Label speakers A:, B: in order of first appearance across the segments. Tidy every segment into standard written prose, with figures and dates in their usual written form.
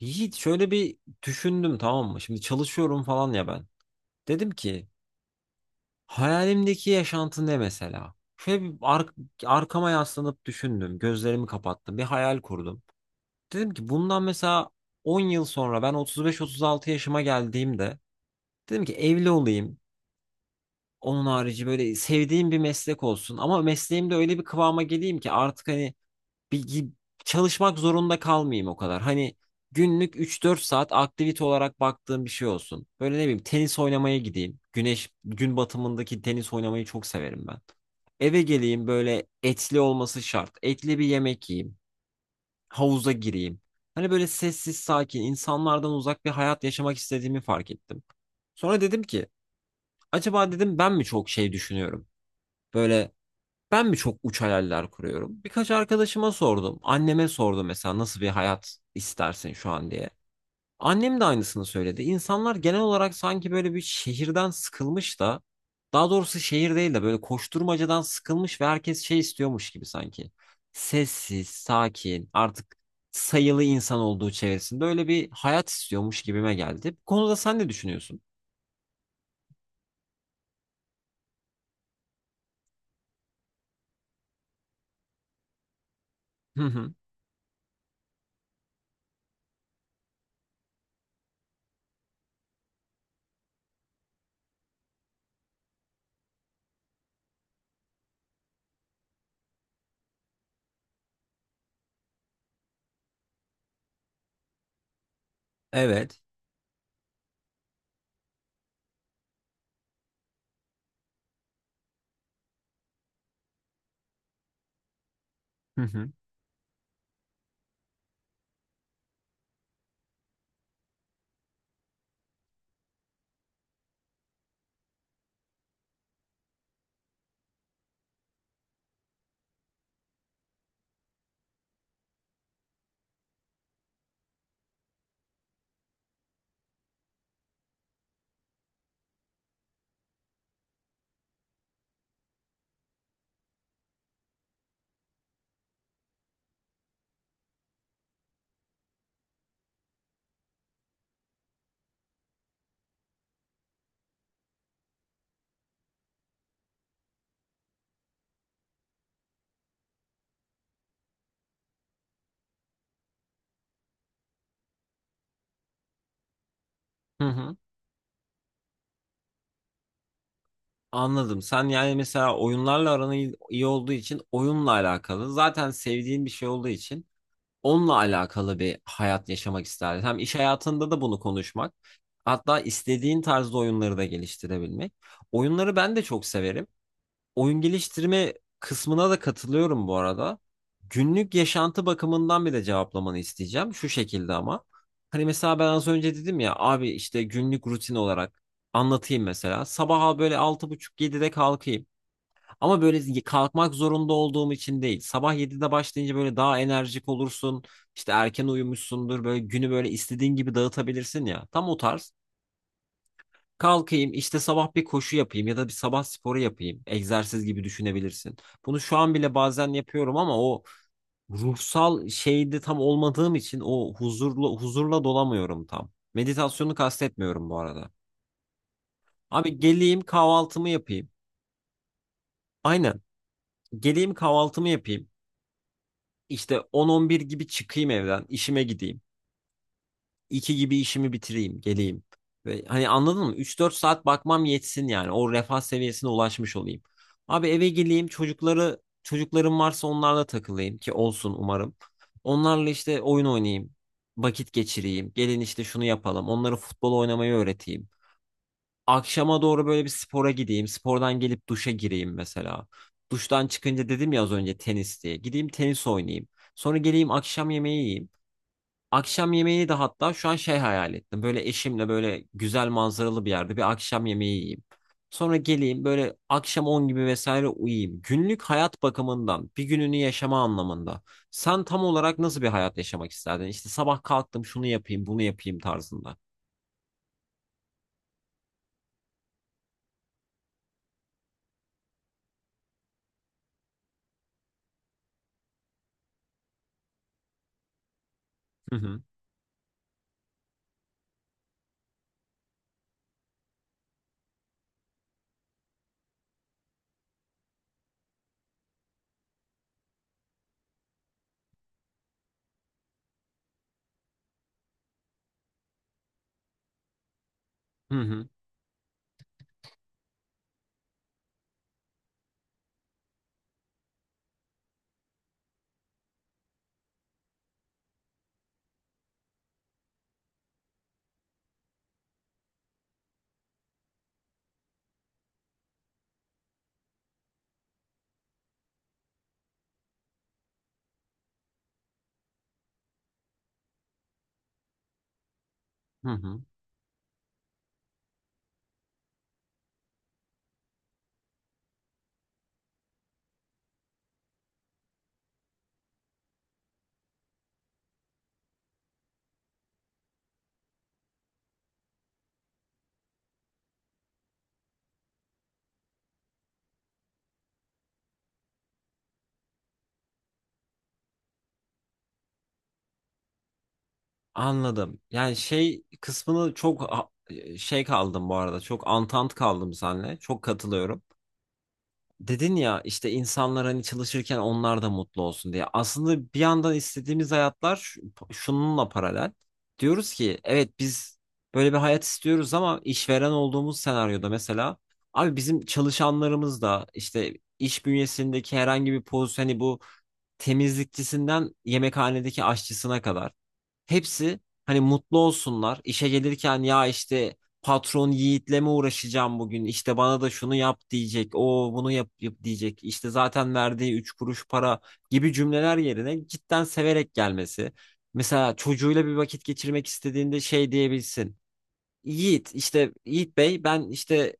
A: Yiğit şöyle bir düşündüm, tamam mı? Şimdi çalışıyorum falan ya ben. Dedim ki hayalimdeki yaşantı ne mesela? Şöyle bir arkama yaslanıp düşündüm. Gözlerimi kapattım. Bir hayal kurdum. Dedim ki bundan mesela 10 yıl sonra ben 35-36 yaşıma geldiğimde dedim ki evli olayım. Onun harici böyle sevdiğim bir meslek olsun. Ama mesleğimde öyle bir kıvama geleyim ki artık hani bir çalışmak zorunda kalmayayım o kadar. Hani günlük 3-4 saat aktivite olarak baktığım bir şey olsun. Böyle ne bileyim tenis oynamaya gideyim. Güneş gün batımındaki tenis oynamayı çok severim ben. Eve geleyim, böyle etli olması şart. Etli bir yemek yiyeyim. Havuza gireyim. Hani böyle sessiz sakin insanlardan uzak bir hayat yaşamak istediğimi fark ettim. Sonra dedim ki acaba dedim ben mi çok şey düşünüyorum? Böyle ben mi çok uç hayaller kuruyorum? Birkaç arkadaşıma sordum. Anneme sordum mesela nasıl bir hayat istersin şu an diye. Annem de aynısını söyledi. İnsanlar genel olarak sanki böyle bir şehirden sıkılmış da, daha doğrusu şehir değil de böyle koşturmacadan sıkılmış ve herkes şey istiyormuş gibi sanki. Sessiz, sakin, artık sayılı insan olduğu çevresinde öyle bir hayat istiyormuş gibime geldi. Bu konuda sen ne düşünüyorsun? Hı hı. Evet. Hı hı. Hı hı. Anladım. Sen yani mesela oyunlarla aran iyi iyi olduğu için oyunla alakalı. Zaten sevdiğin bir şey olduğu için onunla alakalı bir hayat yaşamak isterdin. Hem iş hayatında da bunu konuşmak. Hatta istediğin tarzda oyunları da geliştirebilmek. Oyunları ben de çok severim, oyun geliştirme kısmına da katılıyorum bu arada. Günlük yaşantı bakımından bir de cevaplamanı isteyeceğim. Şu şekilde ama. Hani mesela ben az önce dedim ya abi, işte günlük rutin olarak anlatayım mesela. Sabaha böyle 6.30-7'de kalkayım. Ama böyle kalkmak zorunda olduğum için değil. Sabah 7'de başlayınca böyle daha enerjik olursun. İşte erken uyumuşsundur. Böyle günü böyle istediğin gibi dağıtabilirsin ya. Tam o tarz. Kalkayım işte sabah bir koşu yapayım ya da bir sabah sporu yapayım. Egzersiz gibi düşünebilirsin. Bunu şu an bile bazen yapıyorum ama o ruhsal şeyde tam olmadığım için o huzurlu huzurla dolamıyorum tam. Meditasyonu kastetmiyorum bu arada. Abi geleyim kahvaltımı yapayım. Aynen. Geleyim kahvaltımı yapayım. İşte 10-11 gibi çıkayım evden, işime gideyim. 2 gibi işimi bitireyim, geleyim. Ve hani anladın mı? 3-4 saat bakmam yetsin yani. O refah seviyesine ulaşmış olayım. Abi eve geleyim, çocuklarım varsa onlarla takılayım ki olsun umarım. Onlarla işte oyun oynayayım, vakit geçireyim. Gelin işte şunu yapalım. Onlara futbol oynamayı öğreteyim. Akşama doğru böyle bir spora gideyim. Spordan gelip duşa gireyim mesela. Duştan çıkınca dedim ya az önce tenis diye. Gideyim tenis oynayayım. Sonra geleyim akşam yemeği yiyeyim. Akşam yemeğini de hatta şu an şey hayal ettim. Böyle eşimle böyle güzel manzaralı bir yerde bir akşam yemeği yiyeyim. Sonra geleyim böyle akşam 10 gibi vesaire uyuyayım. Günlük hayat bakımından bir gününü yaşama anlamında. Sen tam olarak nasıl bir hayat yaşamak isterdin? İşte sabah kalktım şunu yapayım bunu yapayım tarzında. Hı hı. Hı hı. Hı hı. Anladım. Yani şey kısmını çok şey kaldım bu arada. Çok antant kaldım seninle. Çok katılıyorum. Dedin ya işte insanlar hani çalışırken onlar da mutlu olsun diye. Aslında bir yandan istediğimiz hayatlar şununla paralel. Diyoruz ki evet biz böyle bir hayat istiyoruz ama işveren olduğumuz senaryoda mesela abi bizim çalışanlarımız da işte iş bünyesindeki herhangi bir pozisyon hani, bu temizlikçisinden yemekhanedeki aşçısına kadar hepsi hani mutlu olsunlar. İşe gelirken ya işte patron Yiğit'le mi uğraşacağım bugün? İşte bana da şunu yap diyecek. O bunu yap, yap diyecek. İşte zaten verdiği üç kuruş para gibi cümleler yerine cidden severek gelmesi. Mesela çocuğuyla bir vakit geçirmek istediğinde şey diyebilsin. Yiğit işte, Yiğit Bey ben işte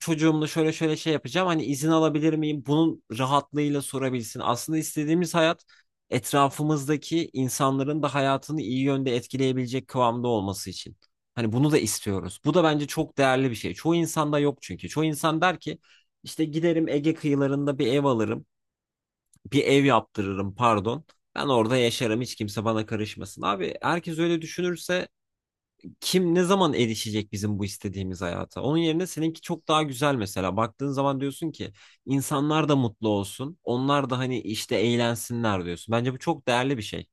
A: çocuğumla şöyle şöyle şey yapacağım. Hani izin alabilir miyim? Bunun rahatlığıyla sorabilsin. Aslında istediğimiz hayat etrafımızdaki insanların da hayatını iyi yönde etkileyebilecek kıvamda olması için. Hani bunu da istiyoruz. Bu da bence çok değerli bir şey. Çoğu insanda yok çünkü. Çoğu insan der ki işte giderim Ege kıyılarında bir ev alırım. Bir ev yaptırırım pardon. Ben orada yaşarım, hiç kimse bana karışmasın. Abi herkes öyle düşünürse kim ne zaman erişecek bizim bu istediğimiz hayata? Onun yerine seninki çok daha güzel mesela. Baktığın zaman diyorsun ki insanlar da mutlu olsun. Onlar da hani işte eğlensinler diyorsun. Bence bu çok değerli bir şey.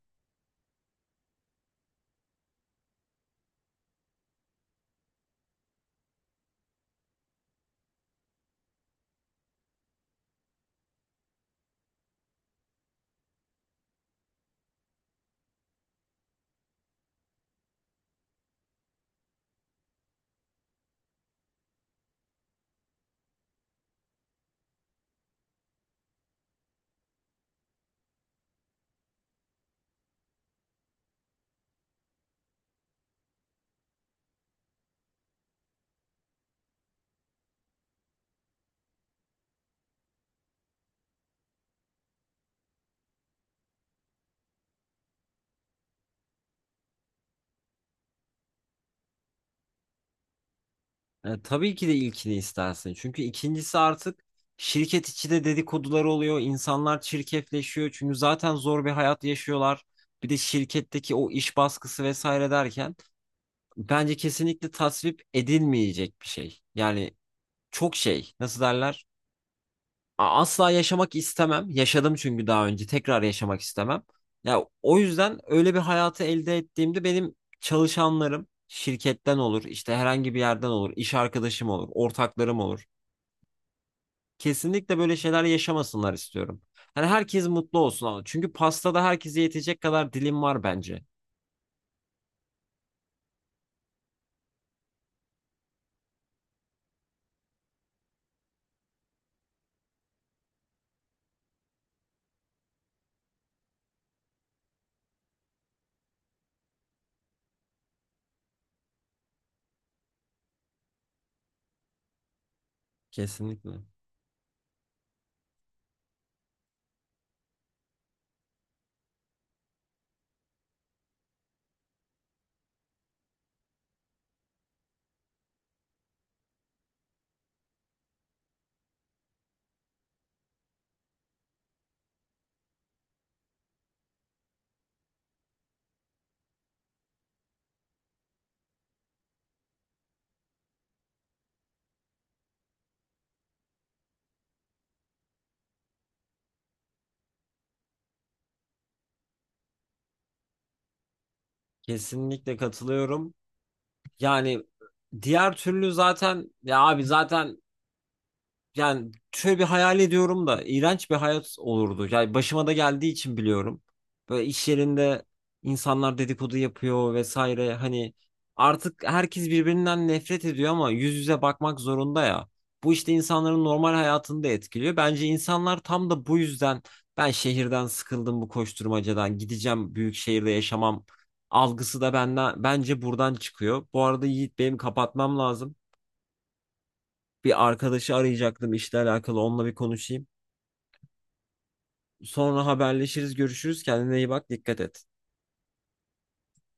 A: E, tabii ki de ilkini istersin. Çünkü ikincisi artık şirket içi de dedikodular oluyor. İnsanlar çirkefleşiyor. Çünkü zaten zor bir hayat yaşıyorlar. Bir de şirketteki o iş baskısı vesaire derken bence kesinlikle tasvip edilmeyecek bir şey. Yani çok şey nasıl derler? Asla yaşamak istemem. Yaşadım çünkü daha önce. Tekrar yaşamak istemem. Ya o yüzden öyle bir hayatı elde ettiğimde benim çalışanlarım şirketten olur, işte herhangi bir yerden olur, iş arkadaşım olur, ortaklarım olur. Kesinlikle böyle şeyler yaşamasınlar istiyorum. Hani herkes mutlu olsun ama, çünkü pastada herkese yetecek kadar dilim var bence. Kesinlikle. Kesinlikle katılıyorum. Yani diğer türlü zaten, ya abi zaten, yani şöyle bir hayal ediyorum da iğrenç bir hayat olurdu. Yani başıma da geldiği için biliyorum. Böyle iş yerinde insanlar dedikodu yapıyor vesaire. Hani artık herkes birbirinden nefret ediyor ama yüz yüze bakmak zorunda ya. Bu işte insanların normal hayatını da etkiliyor. Bence insanlar tam da bu yüzden ben şehirden sıkıldım bu koşturmacadan gideceğim büyük şehirde yaşamam algısı da benden bence buradan çıkıyor. Bu arada Yiğit benim kapatmam lazım. Bir arkadaşı arayacaktım işle alakalı, onunla bir konuşayım. Sonra haberleşiriz, görüşürüz. Kendine iyi bak, dikkat et.